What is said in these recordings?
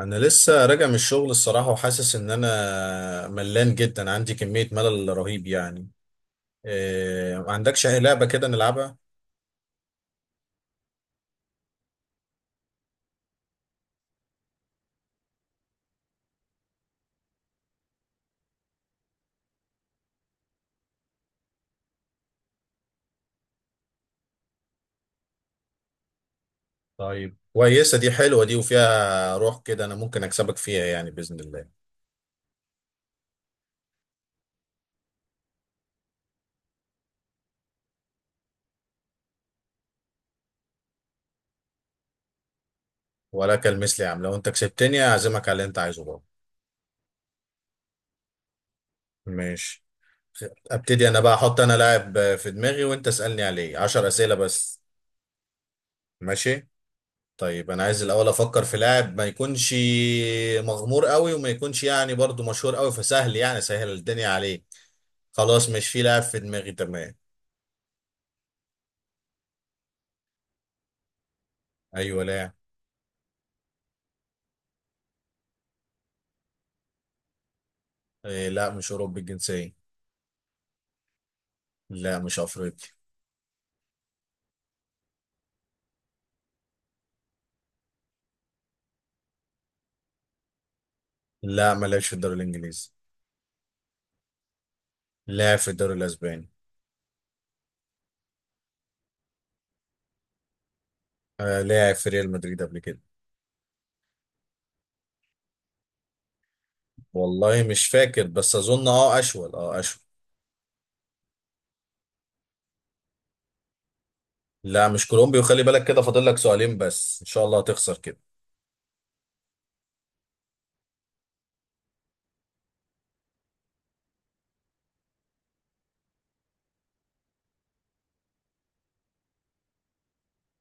انا لسه راجع من الشغل الصراحه، وحاسس ان انا ملان جدا. عندي كميه ملل رهيب يعني. إيه، ما عندكش اي لعبه كده نلعبها؟ طيب كويسه دي، حلوه دي وفيها روح كده، انا ممكن اكسبك فيها يعني باذن الله. ولا كالمثل يا عم، لو انت كسبتني اعزمك على اللي انت عايزه بقى. ماشي. ابتدي انا بقى، احط انا لاعب في دماغي وانت اسالني عليه عشر اسئله بس. ماشي طيب، انا عايز الاول افكر في لاعب ما يكونش مغمور قوي وما يكونش يعني برضو مشهور قوي، فسهل يعني سهل الدنيا عليه. خلاص، مش في لاعب في دماغي، تمام. ايوه، لاعب. إيه لا، مش اوروبي الجنسيه. لا، مش افريقي. لا، ما لعبش في الدوري الانجليزي. لاعب في الدوري الاسباني. آه، لاعب في ريال مدريد قبل كده. والله مش فاكر، بس اظن اه اشول، اه اشول. لا مش كولومبي، وخلي بالك كده فاضل لك سؤالين بس، ان شاء الله هتخسر كده.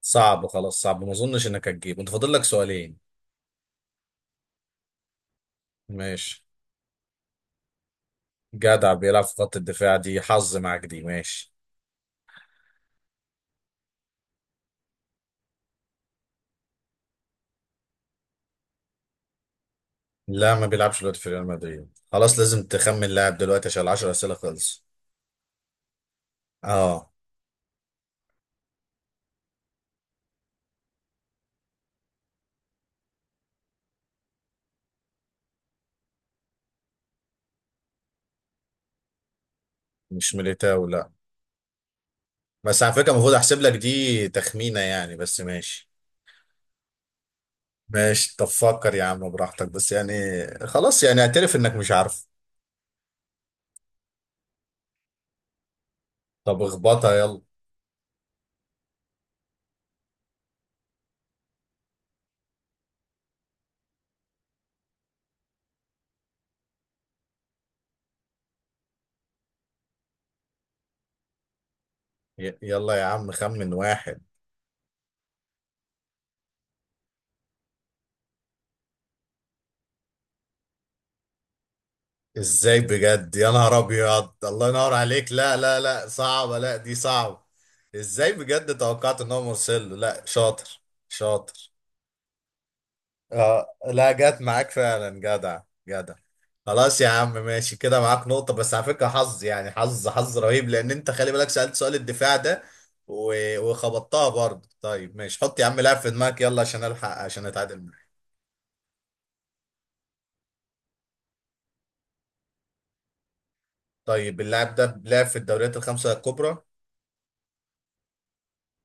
صعب خلاص، صعب، ما اظنش انك هتجيب، انت فاضل لك سؤالين. ماشي، جدع، بيلعب في خط الدفاع، دي حظ معاك دي، ماشي. لا، ما بيلعبش دلوقتي في ريال مدريد. خلاص لازم تخمن لاعب دلوقتي، عشان العشر أسئلة خلص. اه. مش ميليتاو، لا. بس على فكرة، المفروض احسب لك دي تخمينة يعني، بس ماشي. ماشي، طب فكر يا عم براحتك، بس يعني. خلاص يعني، اعترف انك مش عارف. طب اخبطها يلا. يلا يا عم، خمن واحد. ازاي بجد، يا نهار ابيض! الله ينور عليك. لا لا لا، صعبة، لا دي صعبة. ازاي بجد توقعت ان هو مرسله؟ لا شاطر، شاطر. اه، لا جت معاك فعلا، جدع، جدع. خلاص يا عم ماشي، كده معاك نقطة، بس على فكرة حظ يعني، حظ، حظ رهيب، لان انت خلي بالك سألت سؤال الدفاع ده، و- وخبطتها برضه. طيب ماشي، حط يا عم لاعب في دماغك، يلا عشان الحق، عشان اتعادل معاك. طيب اللاعب ده لعب في الدوريات الخمسة الكبرى.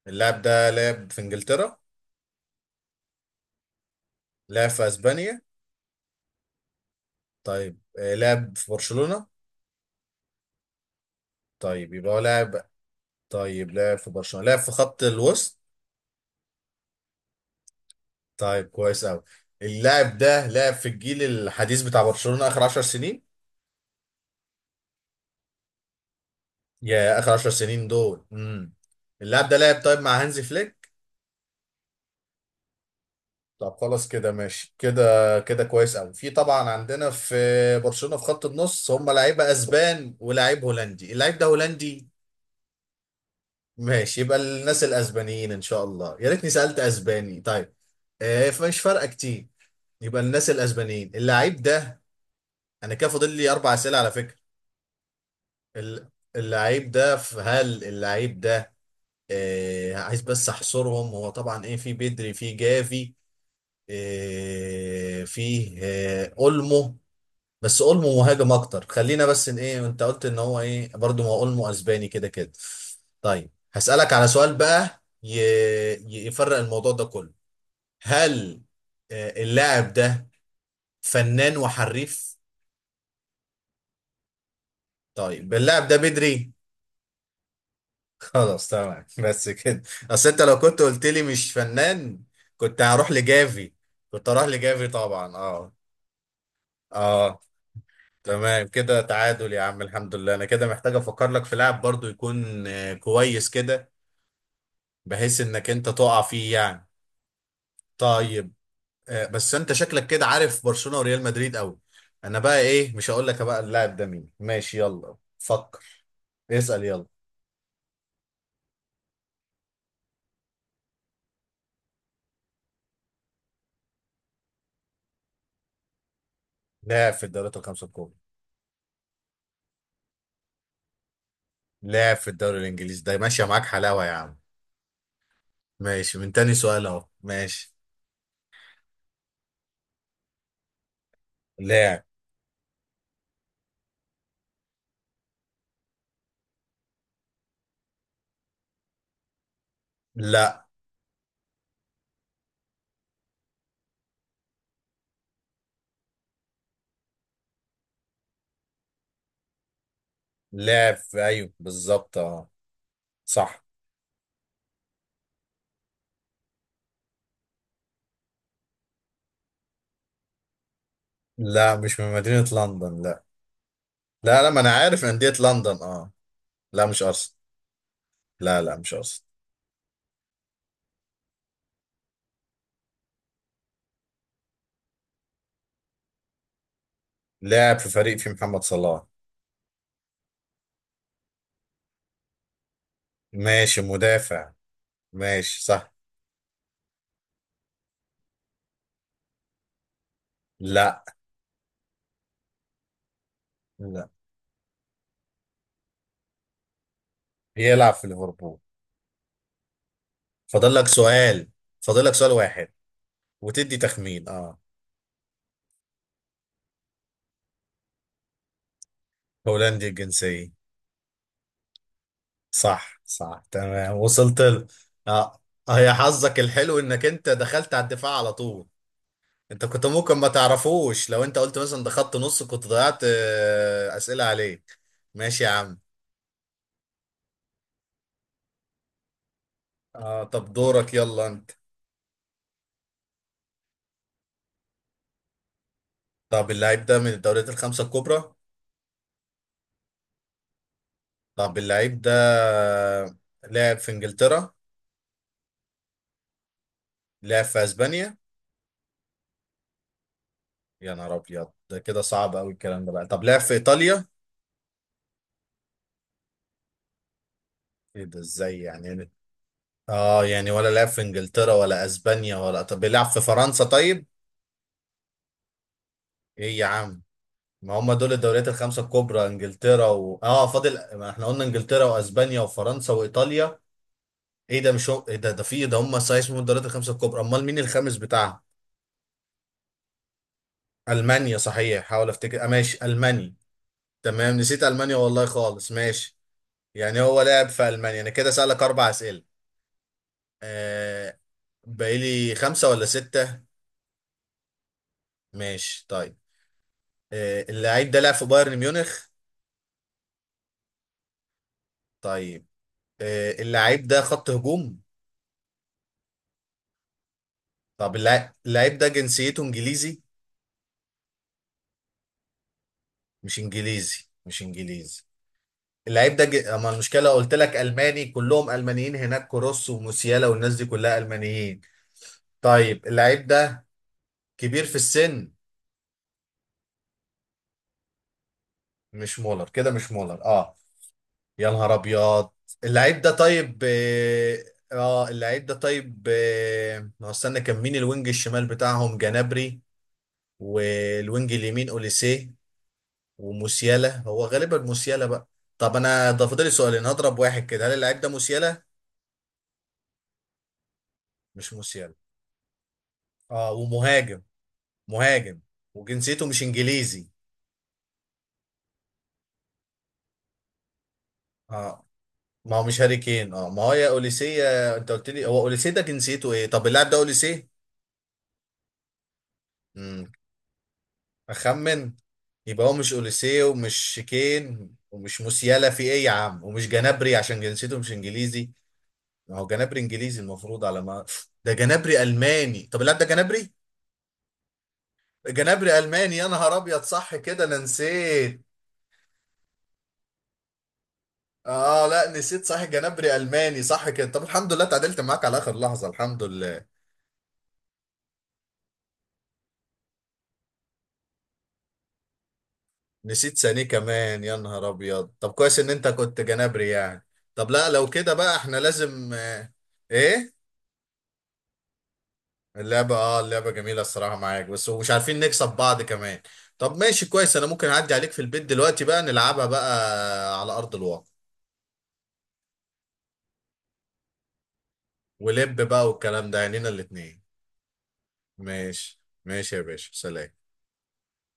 اللاعب ده لعب في انجلترا. لعب في اسبانيا. طيب لعب في برشلونة. طيب يبقى هو لاعب. طيب لعب في برشلونة، لعب في خط الوسط. طيب كويس قوي. اللاعب ده لعب في الجيل الحديث بتاع برشلونة اخر 10 سنين. يا اخر 10 سنين دول. اللاعب ده لعب، طيب، مع هانزي فليك. طب خلاص كده، ماشي كده كده، كويس قوي. في طبعا عندنا في برشلونة في خط النص، هم لعيبه اسبان ولاعيب هولندي. اللاعب ده هولندي؟ ماشي، يبقى الناس الاسبانيين، ان شاء الله، يا ريتني سالت اسباني طيب. فمش فارقه كتير. يبقى الناس الاسبانيين اللعيب ده. انا كده فاضل لي اربع اسئله على فكره. ال- اللعيب ده، هل اللعيب ده، عايز بس احصرهم، هو طبعا ايه، في بدري، في جافي. فيه اولمو. بس اولمو مهاجم اكتر، خلينا بس ان ايه، انت قلت ان هو ايه برضو، ما هو اولمو اسباني كده كده. طيب هسألك على سؤال بقى، يفرق الموضوع ده كله. هل اللاعب ده فنان وحريف؟ طيب اللاعب ده بدري؟ خلاص تمام بس كده. اصل انت لو كنت قلت لي مش فنان، كنت هروح لجافي. كنت هروح لجافي طبعا، اه. اه تمام كده، تعادل يا عم، الحمد لله. انا كده محتاج افكر لك في لاعب برضو يكون كويس كده. بحيث انك انت تقع فيه يعني. طيب بس انت شكلك كده عارف برشلونة وريال مدريد قوي. انا بقى ايه، مش هقول لك بقى اللاعب ده مين. ماشي يلا فكر. اسأل يلا. لاعب في الدوريات الخمسة الكبرى. لاعب في الدوري الانجليزي، ده ماشية معاك حلاوة يا عم. ماشي، من تاني سؤال اهو ماشي. لاعب. لا لاعب في، ايوه بالظبط، اه، صح. لا مش من مدينة لندن، لا. لا لا، ما انا عارف أندية لندن، اه. لا مش ارسنال. لا لا مش ارسنال. لاعب في فريق في محمد صلاح. ماشي مدافع، ماشي صح. لا. لا، بيلعب في ليفربول. فاضل لك سؤال. فاضل لك سؤال واحد. وتدي تخمين، اه. هولندي الجنسية. صح صح تمام، وصلت اه. يا حظك الحلو انك انت دخلت على الدفاع على طول. انت كنت ممكن ما تعرفوش، لو انت قلت مثلا ده خط نص كنت ضيعت اسئلة عليك. ماشي يا عم. اه، طب دورك يلا انت. طب اللعيب ده من الدوريات الخمسة الكبرى. طب اللعيب ده لعب في انجلترا. لعب في اسبانيا. يا نهار ابيض، ده كده صعب قوي الكلام ده بقى. طب لعب في ايطاليا. ايه ده، ازاي يعني. اه يعني، ولا لعب في انجلترا ولا اسبانيا، ولا، طب بيلعب في فرنسا طيب. ايه يا عم، ما هم دول الدوريات الخمسة الكبرى، انجلترا و... اه فاضل، ما احنا قلنا انجلترا واسبانيا وفرنسا وايطاليا. ايه ده، مش هم... ايه ده، في ده، هم صحيح اسمهم الدوريات الخمسة الكبرى؟ امال مين الخامس بتاعها؟ المانيا صحيح، حاول افتكر، ماشي المانيا. تمام نسيت ألمانيا والله خالص، ماشي. يعني هو لعب في ألمانيا. أنا كده سألك أربع أسئلة، آه. باقيلي خمسة ولا ستة؟ ماشي طيب. اللعيب ده لعب في بايرن ميونخ؟ طيب اللعيب ده خط هجوم؟ طب اللعيب ده جنسيته إنجليزي؟ مش إنجليزي، مش إنجليزي. اللعيب ده أما المشكلة قلت لك ألماني، كلهم ألمانيين هناك، كروس وموسيالا والناس دي كلها ألمانيين. طيب اللعيب ده كبير في السن؟ مش مولر كده، مش مولر، اه. يا نهار ابيض. اللعيب ده طيب، اه، اللعيب ده طيب، اه، ما هو استنى كان مين الوينج الشمال بتاعهم؟ جنابري. والوينج اليمين اوليسيه. وموسيالا، هو غالبا موسيالا بقى. طب انا ده فاضل لي سؤالين، هضرب واحد كده. هل اللعيب ده موسيالا؟ مش موسيالا، اه، ومهاجم. مهاجم وجنسيته مش انجليزي. اه، ما هو مش هاري كين، اه، ما هو يا اوليسيه. انت قلت لي هو اوليسيه، ده جنسيته ايه. طب اللاعب ده اوليسيه؟ اخمن. يبقى هو مش اوليسيه ومش شيكين ومش موسيالا، في ايه يا عم، ومش جنابري عشان جنسيته مش انجليزي. ما هو جنابري انجليزي المفروض، على ما ده جنابري الماني. طب لا ده جنابري. جنابري الماني، يا نهار ابيض، صح كده، انا نسيت. اه لا، نسيت صح، جنابري الماني صح كده. طب الحمد لله اتعدلت معاك على اخر لحظه، الحمد لله. نسيت سانيه كمان، يا نهار ابيض. طب كويس ان انت كنت جنابري يعني. طب لا لو كده بقى، احنا لازم، ايه. اللعبة، اه، اللعبة جميلة، الصراحة معاك، بس ومش عارفين نكسب بعض كمان. طب ماشي كويس، انا ممكن اعدي عليك في البيت دلوقتي بقى، نلعبها بقى على ارض الواقع. ولب بقى، والكلام ده عينينا الاتنين. ماشي ماشي يا باشا، سلام.